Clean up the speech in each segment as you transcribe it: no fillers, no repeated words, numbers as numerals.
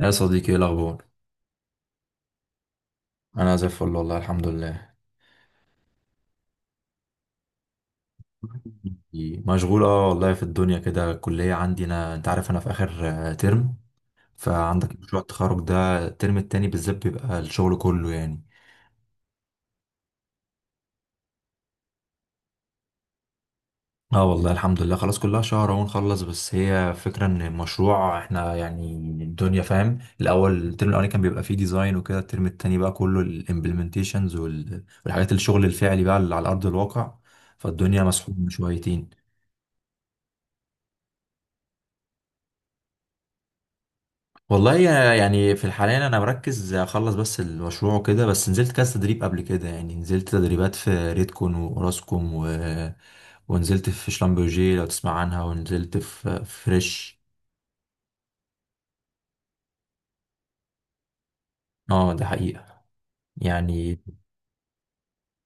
يا صديقي، ايه الاخبار؟ انا زي الفل، والله الحمد لله. مشغول، اه، والله، في الدنيا كده. الكليه عندي، انا انت عارف انا في اخر ترم. فعندك مشروع التخرج ده، الترم التاني بالذات بيبقى الشغل كله، يعني. اه، والله الحمد لله، خلاص كلها شهر اهو نخلص. بس هي فكرة ان المشروع احنا، يعني الدنيا، فاهم؟ الاول، الترم الاولاني كان بيبقى فيه ديزاين وكده، الترم التاني بقى كله الامبلمنتيشنز والحاجات، الشغل الفعلي بقى اللي على ارض الواقع. فالدنيا مسحوبة شويتين. والله يعني في الحالية أنا مركز أخلص بس المشروع وكده، بس نزلت كذا تدريب قبل كده، يعني نزلت تدريبات في ريدكون وراسكوم ونزلت في شلمبرجي لو تسمع عنها، ونزلت في فريش. اه، ده حقيقة، يعني.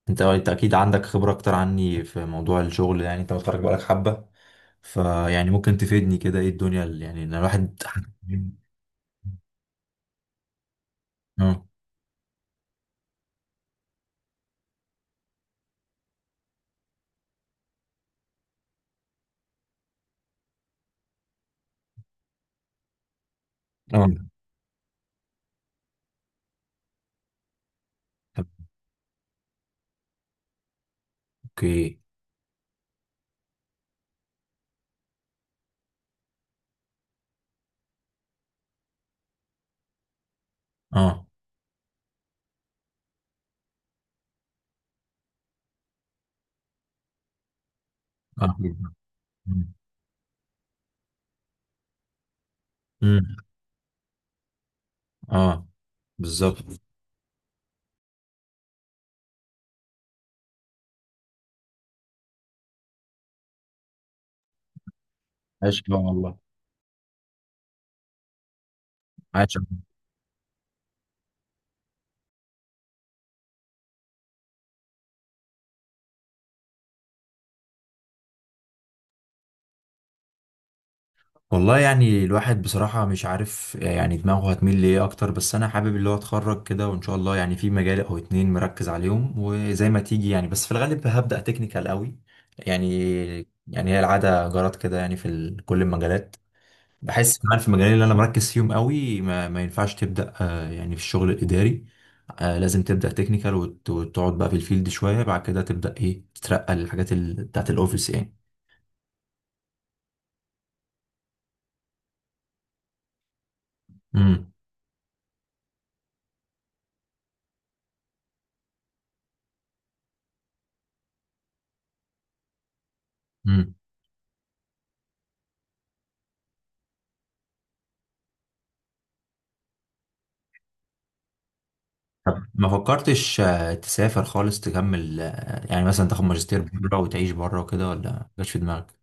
انت اكيد عندك خبرة اكتر عني في موضوع الشغل، يعني انت متخرج بقالك حبة. فيعني ممكن تفيدني كده، ايه الدنيا اللي يعني إن الواحد. اه، اه، طب اوكي. اه، اه. مم. مم. اه، بالظبط. عاش. لا والله. عاش. والله يعني الواحد بصراحة مش عارف يعني دماغه هتميل لإيه أكتر، بس أنا حابب اللي هو أتخرج كده، وإن شاء الله يعني في مجال أو اتنين مركز عليهم، وزي ما تيجي يعني، بس في الغالب هبدأ تكنيكال قوي، يعني. يعني هي العادة جرت كده، يعني في كل المجالات. بحس كمان في المجالين اللي أنا مركز فيهم قوي ما ينفعش تبدأ، يعني، في الشغل الإداري. لازم تبدأ تكنيكال وتقعد بقى في الفيلد شوية، بعد كده تبدأ إيه تترقى للحاجات بتاعت الأوفيس، يعني. امم. طب ما فكرتش تسافر خالص تكمل، يعني مثلا تاخد ماجستير بره وتعيش بره وكده، ولا ما جاتش في دماغك؟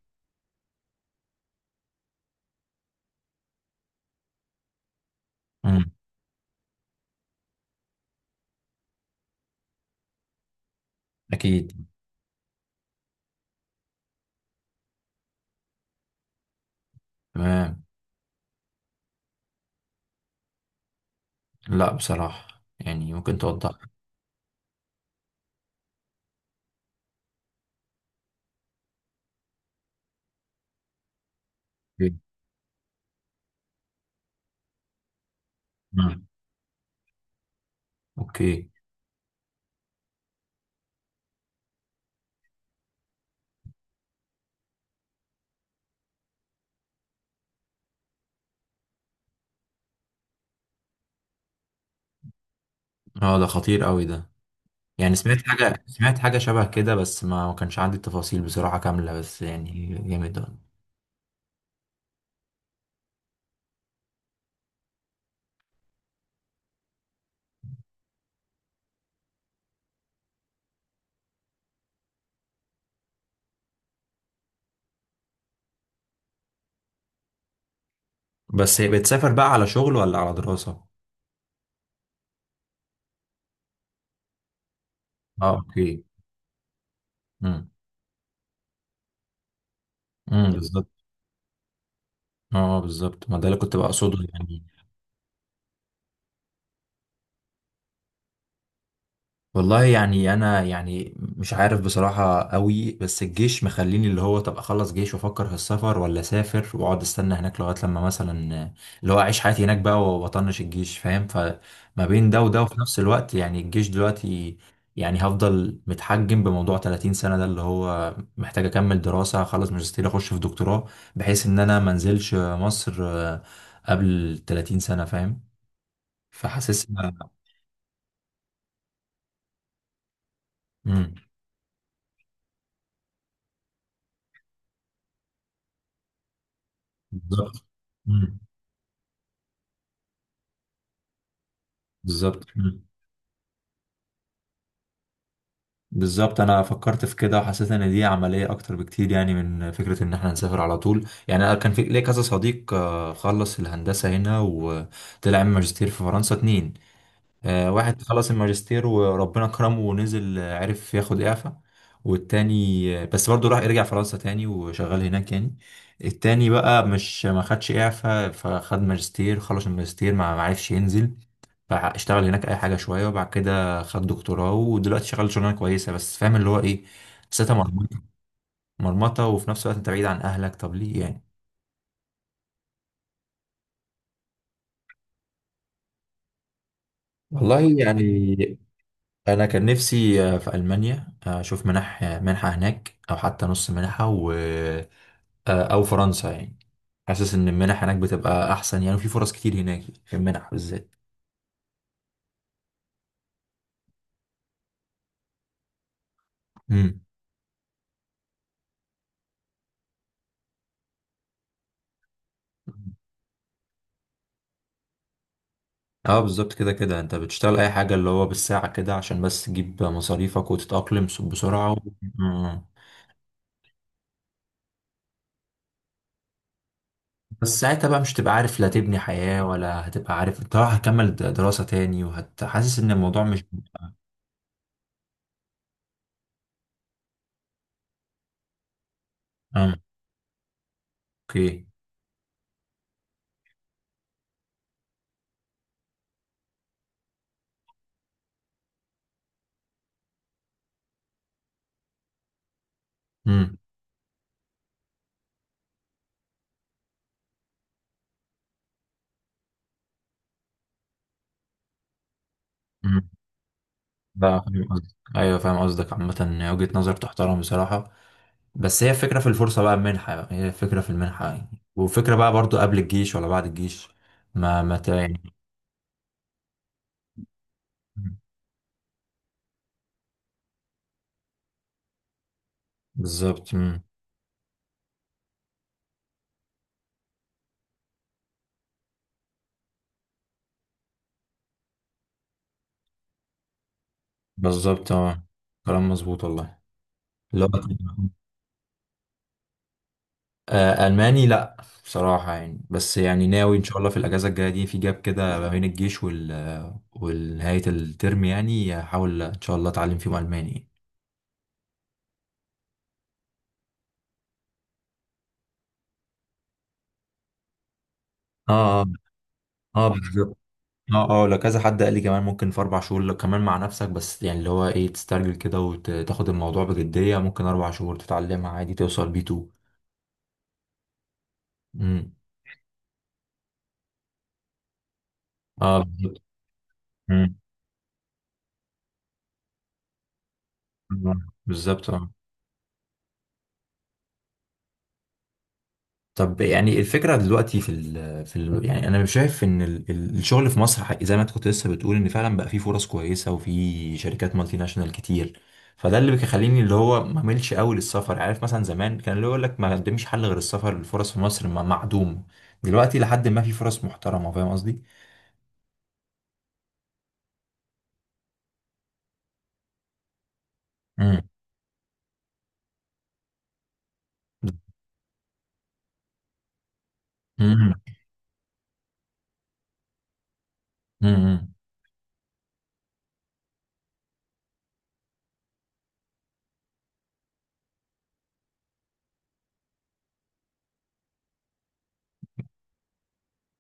امم، اكيد، تمام. لا بصراحة، يعني ممكن توضح لي؟ مم. اوكي. اه، ده خطير قوي ده. يعني سمعت حاجة، سمعت حاجة شبه كده، بس ما كانش عندي التفاصيل بصراحة كاملة، بس يعني جامد ده. بس هي بتسافر بقى على شغل ولا على دراسة؟ اه، اوكي. امم. امم، بالظبط. اه، بالظبط، ما ده اللي كنت بقصده، يعني. والله يعني انا يعني مش عارف بصراحة قوي، بس الجيش مخليني، اللي هو طب اخلص جيش وافكر في السفر، ولا اسافر واقعد استنى هناك لغاية لما مثلا اللي هو اعيش حياتي هناك بقى واطنش الجيش، فاهم؟ فما بين ده وده، وفي نفس الوقت يعني الجيش دلوقتي، يعني هفضل متحجم بموضوع 30 سنة ده، اللي هو محتاج اكمل دراسة، اخلص ماجستير، اخش في دكتوراه، بحيث ان انا منزلش مصر قبل 30 سنة، فاهم؟ فحاسس إن- مم. بالظبط. بالظبط. مم. بالظبط، انا فكرت في كده وحسيت ان دي عمليه اكتر بكتير، يعني من فكره ان احنا نسافر على طول. يعني انا كان في ليا كذا صديق خلص الهندسه هنا وطلع عمل ماجستير في فرنسا، اتنين. واحد خلص الماجستير وربنا كرمه ونزل، عرف ياخد اعفاء. والتاني بس برضه راح رجع فرنسا تاني وشغال هناك، يعني. التاني بقى، مش ما خدش اعفاء، فخد ماجستير، خلص الماجستير ما عرفش ينزل، فاشتغل هناك اي حاجه شويه، وبعد كده خد دكتوراه، ودلوقتي شغال شغلانه كويسه، بس فاهم اللي هو ايه؟ حسيتها مرمطه. مرمطه، وفي نفس الوقت انت بعيد عن اهلك، طب ليه يعني؟ والله يعني انا كان نفسي في المانيا، اشوف منح، منحه هناك، او حتى نص منحه، و آه، او فرنسا، يعني. حاسس ان المنح هناك بتبقى احسن، يعني، وفي فرص كتير هناك في المنح بالذات. امم. اه، بالظبط، كده كده انت بتشتغل اي حاجه اللي هو بالساعه كده عشان بس تجيب مصاريفك وتتاقلم بسرعه. بس ساعتها بقى مش هتبقى عارف لا تبني حياة، ولا هتبقى عارف انت رايح هتكمل دراسة تاني، وهتحسس ان الموضوع مش. اه، اوكي. امم. امم. لا فاهم قصدك، ايوه فاهم قصدك. عامة وجهة نظر تحترم بصراحة. بس هي الفكرة في الفرصة بقى، المنحة بقى. هي الفكرة في المنحة، يعني. وفكرة بقى برضو قبل الجيش ولا بعد الجيش، ما ما ت- يعني. بالظبط. امم. بالظبط، اه. كلام مظبوط والله. لا، ألماني لأ، بصراحة يعني، بس يعني ناوي إن شاء الله في الأجازة الجاية دي، في جاب كده ما بين الجيش والنهاية الترم، يعني هحاول إن شاء الله أتعلم فيهم ألماني. اه، اه. بالظبط. اه، اه. لو كذا حد قال لي كمان ممكن في 4 شهور، لو كمان مع نفسك بس يعني اللي هو إيه تسترجل كده وتاخد الموضوع بجدية، ممكن 4 شهور تتعلمها عادي، توصل بي B2. امم. اه، بالظبط. مم. آه، بالظبط، اه. طب يعني الفكرة دلوقتي، في ال في ال يعني أنا شايف إن الشغل في مصر زي ما أنت كنت لسه بتقول إن فعلا بقى فيه فرص كويسة، وفي شركات مالتي ناشونال كتير. فده اللي بيخليني اللي هو ما أميلش قوي للسفر. عارف مثلا زمان كان اللي يقول لك ما قدمش حل غير السفر، الفرص في مصر معدوم. دلوقتي لحد ما في فرص محترمة، فاهم قصدي؟ امم. امم.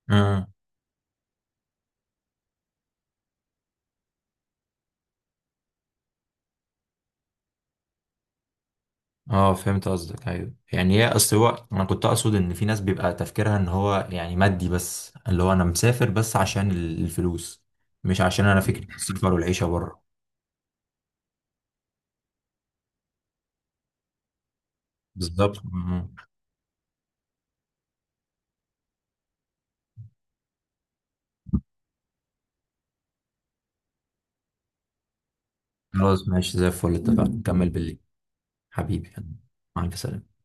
امم. اه، فهمت قصدك. ايوه يعني، هي اصل هو انا كنت اقصد ان في ناس بيبقى تفكيرها ان هو يعني مادي بس، اللي هو انا مسافر بس عشان الفلوس، مش عشان انا فكرة السفر والعيشة بره. بالظبط. مم. خلاص ماشي، زي الفل، اتفقنا نكمل بالليل. حبيبي. مع الف سلامة.